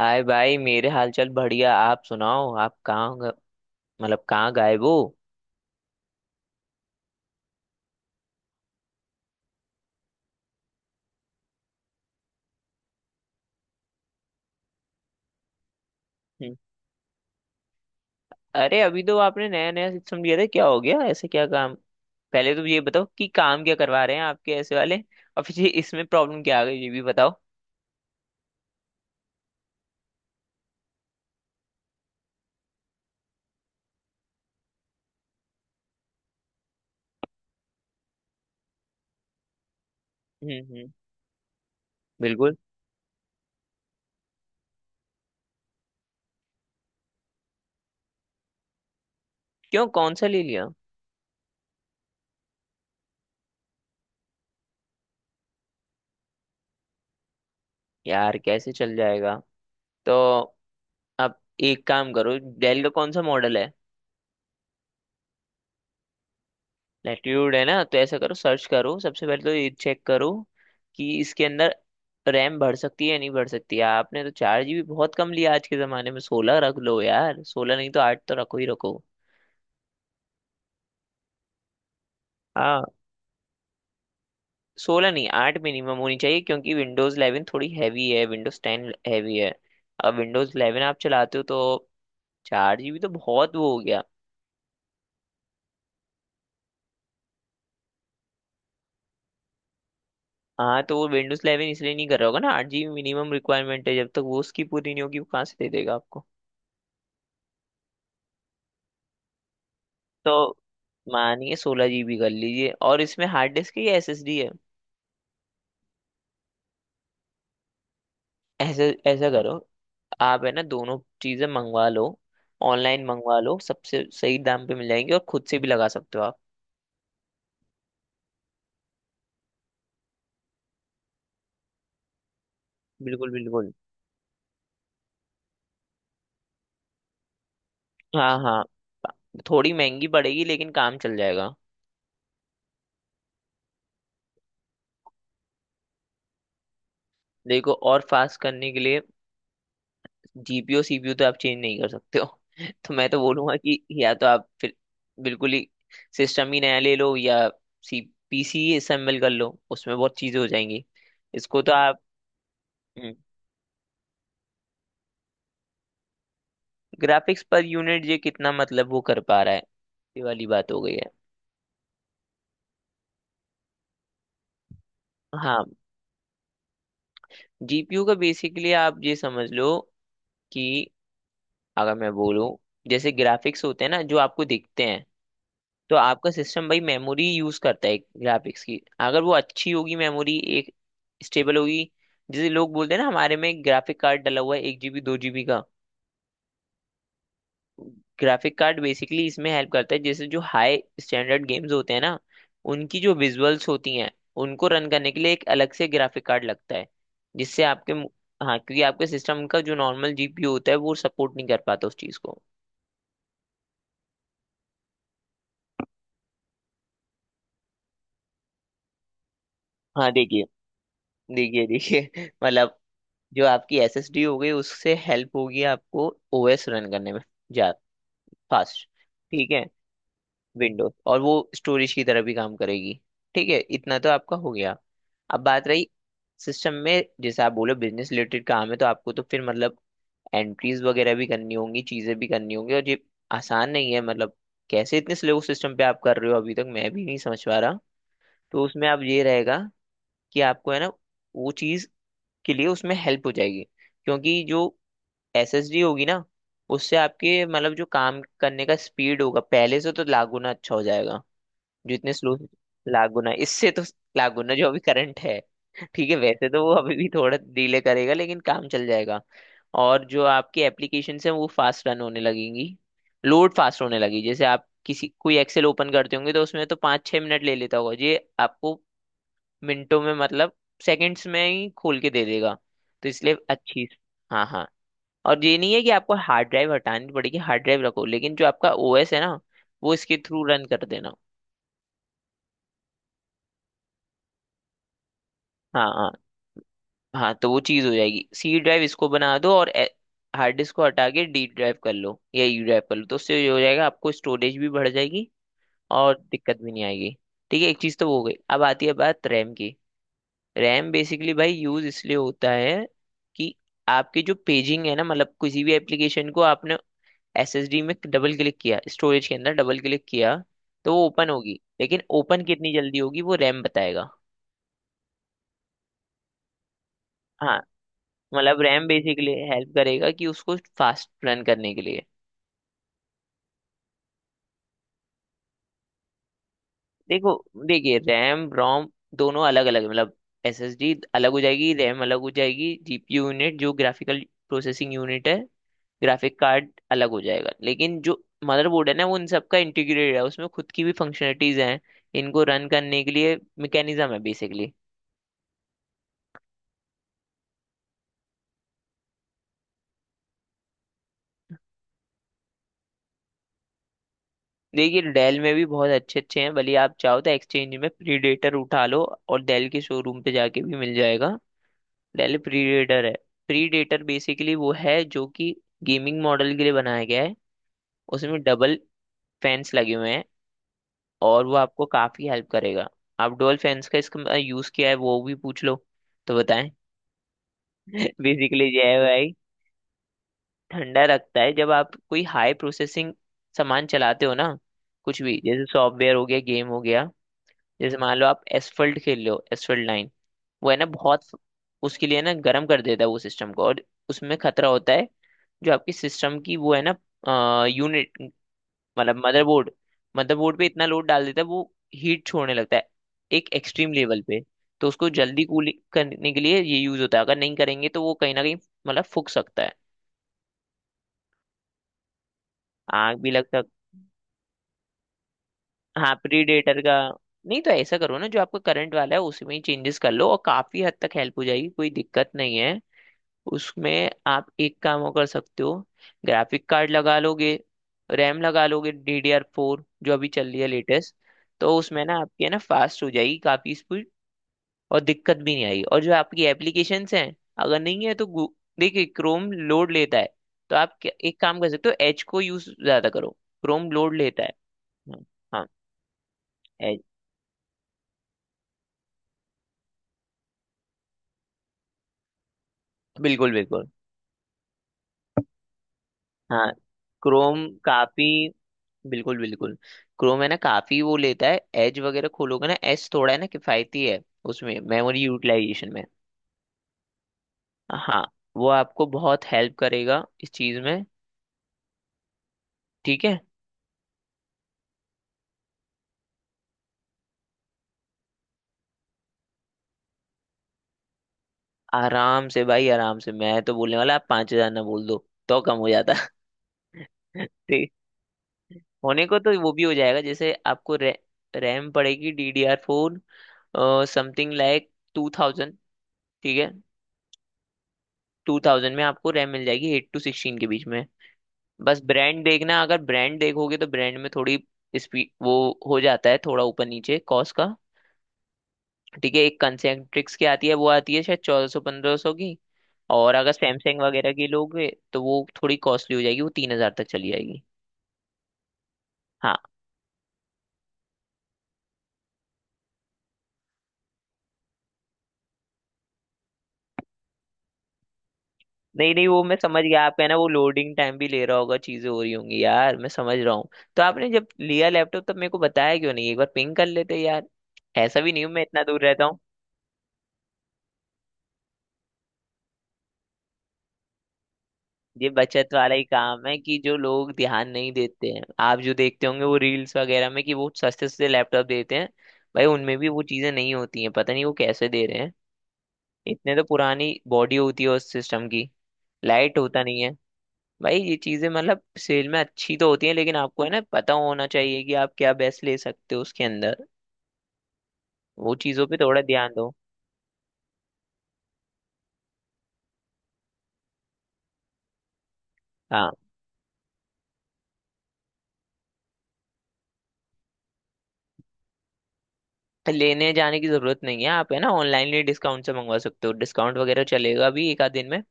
हाय भाई, मेरे हालचाल बढ़िया। आप सुनाओ, आप कहाँ ग- मतलब कहाँ गायब हो? हम्म। अरे, अभी तो आपने नया नया सिस्टम दिया था, क्या हो गया? ऐसे क्या काम? पहले तो ये बताओ कि काम क्या करवा रहे हैं आपके ऐसे वाले, और फिर ये इसमें प्रॉब्लम क्या आ गई ये भी बताओ। हम्म। बिल्कुल। क्यों, कौन सा ले लिया? यार कैसे चल जाएगा? तो अब एक काम करो, डेल का कौन सा मॉडल है? लैट्यूड है ना? तो ऐसा करो, सर्च करो। सबसे पहले तो ये चेक करो कि इसके अंदर रैम बढ़ सकती है या नहीं बढ़ सकती है। आपने तो 4 जीबी बहुत कम लिया, आज के जमाने में 16 रख लो यार। 16 नहीं तो 8 तो रखो ही रखो। हाँ, 16 नहीं 8 मिनिमम होनी चाहिए, क्योंकि Windows 11 थोड़ी हैवी है, Windows 10 हैवी है। अब Windows 11 आप चलाते हो तो 4 जीबी तो बहुत वो हो गया। हाँ, तो वो Windows 11 इसलिए नहीं कर रहा होगा ना, 8 जीबी मिनिमम रिक्वायरमेंट है। जब तक वो उसकी पूरी नहीं होगी, वो कहाँ से दे देगा आपको। तो मानिए 16 जीबी कर लीजिए। और इसमें हार्ड डिस्क है या एसएसडी है? ऐसे ऐसा करो, आप है ना दोनों चीजें मंगवा लो। ऑनलाइन मंगवा लो, सबसे सही दाम पे मिल जाएंगी, और खुद से भी लगा सकते हो आप। बिल्कुल बिल्कुल। हाँ हाँ, थोड़ी महंगी पड़ेगी लेकिन काम चल जाएगा। देखो, और फास्ट करने के लिए जीपीयू सीपीयू तो आप चेंज नहीं कर सकते हो तो मैं तो बोलूंगा कि या तो आप फिर बिल्कुल ही सिस्टम ही नया ले लो, या सी पीसी असेंबल कर लो, उसमें बहुत चीजें हो जाएंगी। इसको तो आप ग्राफिक्स पर यूनिट, ये कितना मतलब वो कर पा रहा है ये वाली बात हो गई है। हाँ, जीपीयू का बेसिकली आप ये समझ लो कि अगर मैं बोलूँ, जैसे ग्राफिक्स होते हैं ना जो आपको दिखते हैं, तो आपका सिस्टम भाई मेमोरी यूज करता है ग्राफिक्स की। अगर वो अच्छी होगी मेमोरी, एक स्टेबल होगी। जैसे लोग बोलते हैं ना, हमारे में ग्राफिक कार्ड डला हुआ है 1 जीबी 2 जीबी का। ग्राफिक कार्ड बेसिकली इसमें हेल्प करता है, जैसे जो हाई स्टैंडर्ड गेम्स होते हैं ना, उनकी जो विजुअल्स होती हैं उनको रन करने के लिए एक अलग से ग्राफिक कार्ड लगता है, जिससे आपके मु-। हाँ, क्योंकि आपके सिस्टम का जो नॉर्मल जीपीयू होता है वो सपोर्ट नहीं कर पाता उस चीज़ को। हाँ। देखिए देखिए देखिए मतलब, जो आपकी एसएसडी हो गई उससे हेल्प होगी आपको, ओएस रन करने में, जा फास्ट। ठीक है। विंडोज और वो स्टोरेज की तरह भी काम करेगी। ठीक है, इतना तो आपका हो गया। अब बात रही सिस्टम में, जैसे आप बोलो बिजनेस रिलेटेड काम है, तो आपको तो फिर मतलब एंट्रीज वगैरह भी करनी होंगी, चीजें भी करनी होंगी, और ये आसान नहीं है मतलब। कैसे इतने स्लो सिस्टम पे आप कर रहे हो अभी तक मैं भी नहीं समझ पा रहा। तो उसमें आप ये रहेगा कि आपको है ना वो चीज के लिए उसमें हेल्प हो जाएगी। क्योंकि जो एसएसडी होगी ना, उससे आपके मतलब जो काम करने का स्पीड होगा पहले से तो लाख गुना अच्छा हो जाएगा। जो इतने स्लो, लाख गुना इससे तो, लाख गुना जो अभी करंट है। ठीक है, वैसे तो वो अभी भी थोड़ा डिले करेगा, लेकिन काम चल जाएगा। और जो आपकी एप्लीकेशन है वो फास्ट रन होने लगेंगी, लोड फास्ट होने लगी। जैसे आप किसी कोई एक्सेल ओपन करते होंगे तो उसमें तो 5-6 मिनट ले लेता होगा ये आपको, मिनटों में मतलब सेकंड्स में ही खोल के दे देगा। तो इसलिए अच्छी। हाँ हाँ। और ये नहीं है कि आपको हार्ड ड्राइव हटानी पड़ेगी, हार्ड ड्राइव रखो, लेकिन जो आपका ओएस है ना वो इसके थ्रू रन कर देना। हाँ हाँ। हाँ, तो वो चीज़ हो जाएगी, सी ड्राइव इसको बना दो, और हार्ड डिस्क को हटा के डी ड्राइव कर लो या यू ड्राइव कर लो, तो उससे ये हो जाएगा आपको, स्टोरेज भी बढ़ जाएगी और दिक्कत भी नहीं आएगी। ठीक है, एक चीज़ तो वो हो गई। अब आती है बात रैम की। रैम बेसिकली भाई यूज़ इसलिए होता है कि आपकी जो पेजिंग है ना, मतलब किसी भी एप्लीकेशन को आपने एसएसडी में डबल क्लिक किया, स्टोरेज के अंदर डबल क्लिक किया, तो वो ओपन होगी, लेकिन ओपन कितनी जल्दी होगी वो रैम बताएगा। हाँ, मतलब रैम बेसिकली हेल्प करेगा कि उसको फास्ट रन करने के लिए। देखो, देखिए, रैम रोम दोनों अलग अलग मतलब, एसएसडी अलग हो जाएगी, रैम अलग हो जाएगी, जीपीयू यूनिट जो ग्राफिकल प्रोसेसिंग यूनिट है, ग्राफिक कार्ड अलग हो जाएगा, लेकिन जो मदरबोर्ड है ना वो इन सबका इंटीग्रेटेड है, उसमें खुद की भी फंक्शनलिटीज हैं, इनको रन करने के लिए मैकेनिज्म है बेसिकली। देखिए, डेल में भी बहुत अच्छे अच्छे हैं, भले आप चाहो तो एक्सचेंज में प्रीडेटर उठा लो, और डेल के शोरूम पे जाके भी मिल जाएगा। डेल प्रीडेटर है। प्रीडेटर बेसिकली वो है जो कि गेमिंग मॉडल के लिए बनाया गया है, उसमें डबल फैंस लगे हुए हैं, और वो आपको काफी हेल्प करेगा। आप डुअल फैंस का इसका यूज किया है वो भी पूछ लो, तो बताएं बेसिकली ये है भाई। ठंडा रखता है जब आप कोई हाई प्रोसेसिंग सामान चलाते हो ना, कुछ भी जैसे सॉफ्टवेयर हो गया गेम हो गया। जैसे मान लो आप एसफल्ट खेल लो, एसफल्ट लाइन वो है ना बहुत, उसके लिए ना गर्म कर देता है वो सिस्टम को, और उसमें खतरा होता है। जो आपकी सिस्टम की वो है ना यूनिट, मतलब मदरबोर्ड, मदरबोर्ड पे इतना लोड डाल देता है वो, हीट छोड़ने लगता है एक एक्सट्रीम लेवल पे। तो उसको जल्दी कूल करने के लिए ये यूज होता है, अगर नहीं करेंगे तो वो कहीं ना कहीं मतलब फूक सकता है। आग भी लग सक। हाँ प्रीडेटर का। नहीं तो ऐसा करो ना, जो आपका करंट वाला है उसी में ही चेंजेस कर लो और काफी हद तक हेल्प हो जाएगी, कोई दिक्कत नहीं है। उसमें आप एक काम और कर सकते हो, ग्राफिक कार्ड लगा लोगे, रैम लगा लोगे DDR4 जो अभी चल रही है लेटेस्ट, तो उसमें ना आपकी है ना फास्ट हो जाएगी काफी स्पीड। और दिक्कत भी नहीं आएगी और जो आपकी एप्लीकेशंस हैं, अगर नहीं है तो देखिए क्रोम लोड लेता है, तो आप एक काम कर सकते हो, एज को यूज ज्यादा करो। क्रोम लोड लेता है। हाँ एज। बिल्कुल बिल्कुल। हाँ, क्रोम काफी। बिल्कुल बिल्कुल, क्रोम है ना काफी वो लेता है, एज वगैरह खोलोगे ना एज थोड़ा है ना किफायती है उसमें, मेमोरी यूटिलाइजेशन में। हाँ, वो आपको बहुत हेल्प करेगा इस चीज में। ठीक है। आराम से भाई, आराम से मैं तो बोलने वाला, आप 5000 ना बोल दो तो कम हो जाता। ठीक, होने को तो वो भी हो जाएगा, जैसे आपको रैम पड़ेगी DDR4, समथिंग लाइक 2000। ठीक है। 2000 में आपको रैम मिल जाएगी 8-16 के बीच में। बस ब्रांड देखना, अगर ब्रांड देखोगे तो ब्रांड में थोड़ी स्पीड वो हो जाता है थोड़ा ऊपर नीचे कॉस्ट का। ठीक है, एक कंसेंट्रिक्स की आती है, वो आती है शायद 1400 1500 की। और अगर सैमसंग वगैरह की लोगे तो वो थोड़ी कॉस्टली हो जाएगी, वो 3000 तक चली जाएगी। हाँ। नहीं नहीं, वो मैं समझ गया, आपका है ना वो लोडिंग टाइम भी ले रहा होगा, चीजें हो रही होंगी, यार मैं समझ रहा हूँ। तो आपने जब लिया लैपटॉप तब मेरे को बताया क्यों नहीं, एक बार पिंग कर लेते यार। ऐसा भी नहीं हूँ मैं इतना दूर रहता। ये बचत वाला ही काम है कि जो लोग ध्यान नहीं देते हैं, आप जो देखते होंगे वो रील्स वगैरह में, कि वो सस्ते सस्ते लैपटॉप देते हैं। भाई उनमें भी वो चीजें नहीं होती हैं, पता नहीं वो कैसे दे रहे हैं। इतने तो पुरानी बॉडी होती है उस सिस्टम की, लाइट होता नहीं है। भाई ये चीजें मतलब सेल में अच्छी तो होती हैं, लेकिन आपको है ना पता होना चाहिए कि आप क्या बेस्ट ले सकते हो उसके अंदर। वो चीजों पे थोड़ा ध्यान दो। हाँ, लेने जाने की जरूरत नहीं है, आप है ना ऑनलाइन ही डिस्काउंट से मंगवा सकते हो, डिस्काउंट वगैरह चलेगा भी एक आध दिन में।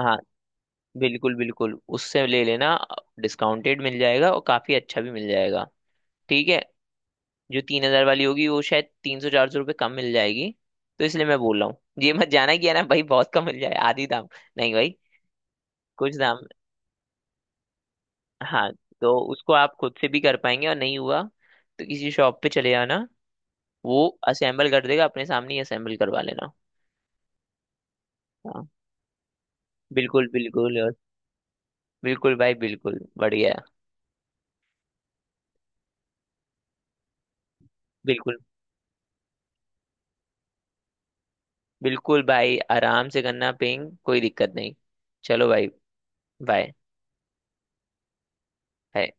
हाँ बिल्कुल बिल्कुल, उससे ले लेना, डिस्काउंटेड मिल जाएगा और काफी अच्छा भी मिल जाएगा। ठीक है। जो 3000 वाली होगी वो शायद 300 400 रुपये कम मिल जाएगी, तो इसलिए मैं बोल रहा हूँ। ये मत जाना कि है ना भाई बहुत कम मिल जाए आधी दाम, नहीं भाई, कुछ दाम। हाँ, तो उसको आप खुद से भी कर पाएंगे और नहीं हुआ तो किसी शॉप पे चले जाना, वो असेंबल कर देगा, अपने सामने ही असेंबल करवा लेना। हाँ बिल्कुल बिल्कुल, और बिल्कुल भाई, बिल्कुल बढ़िया। बिल्कुल, बिल्कुल भाई, आराम से करना, पिंग, कोई दिक्कत नहीं। चलो भाई। बाय। बाय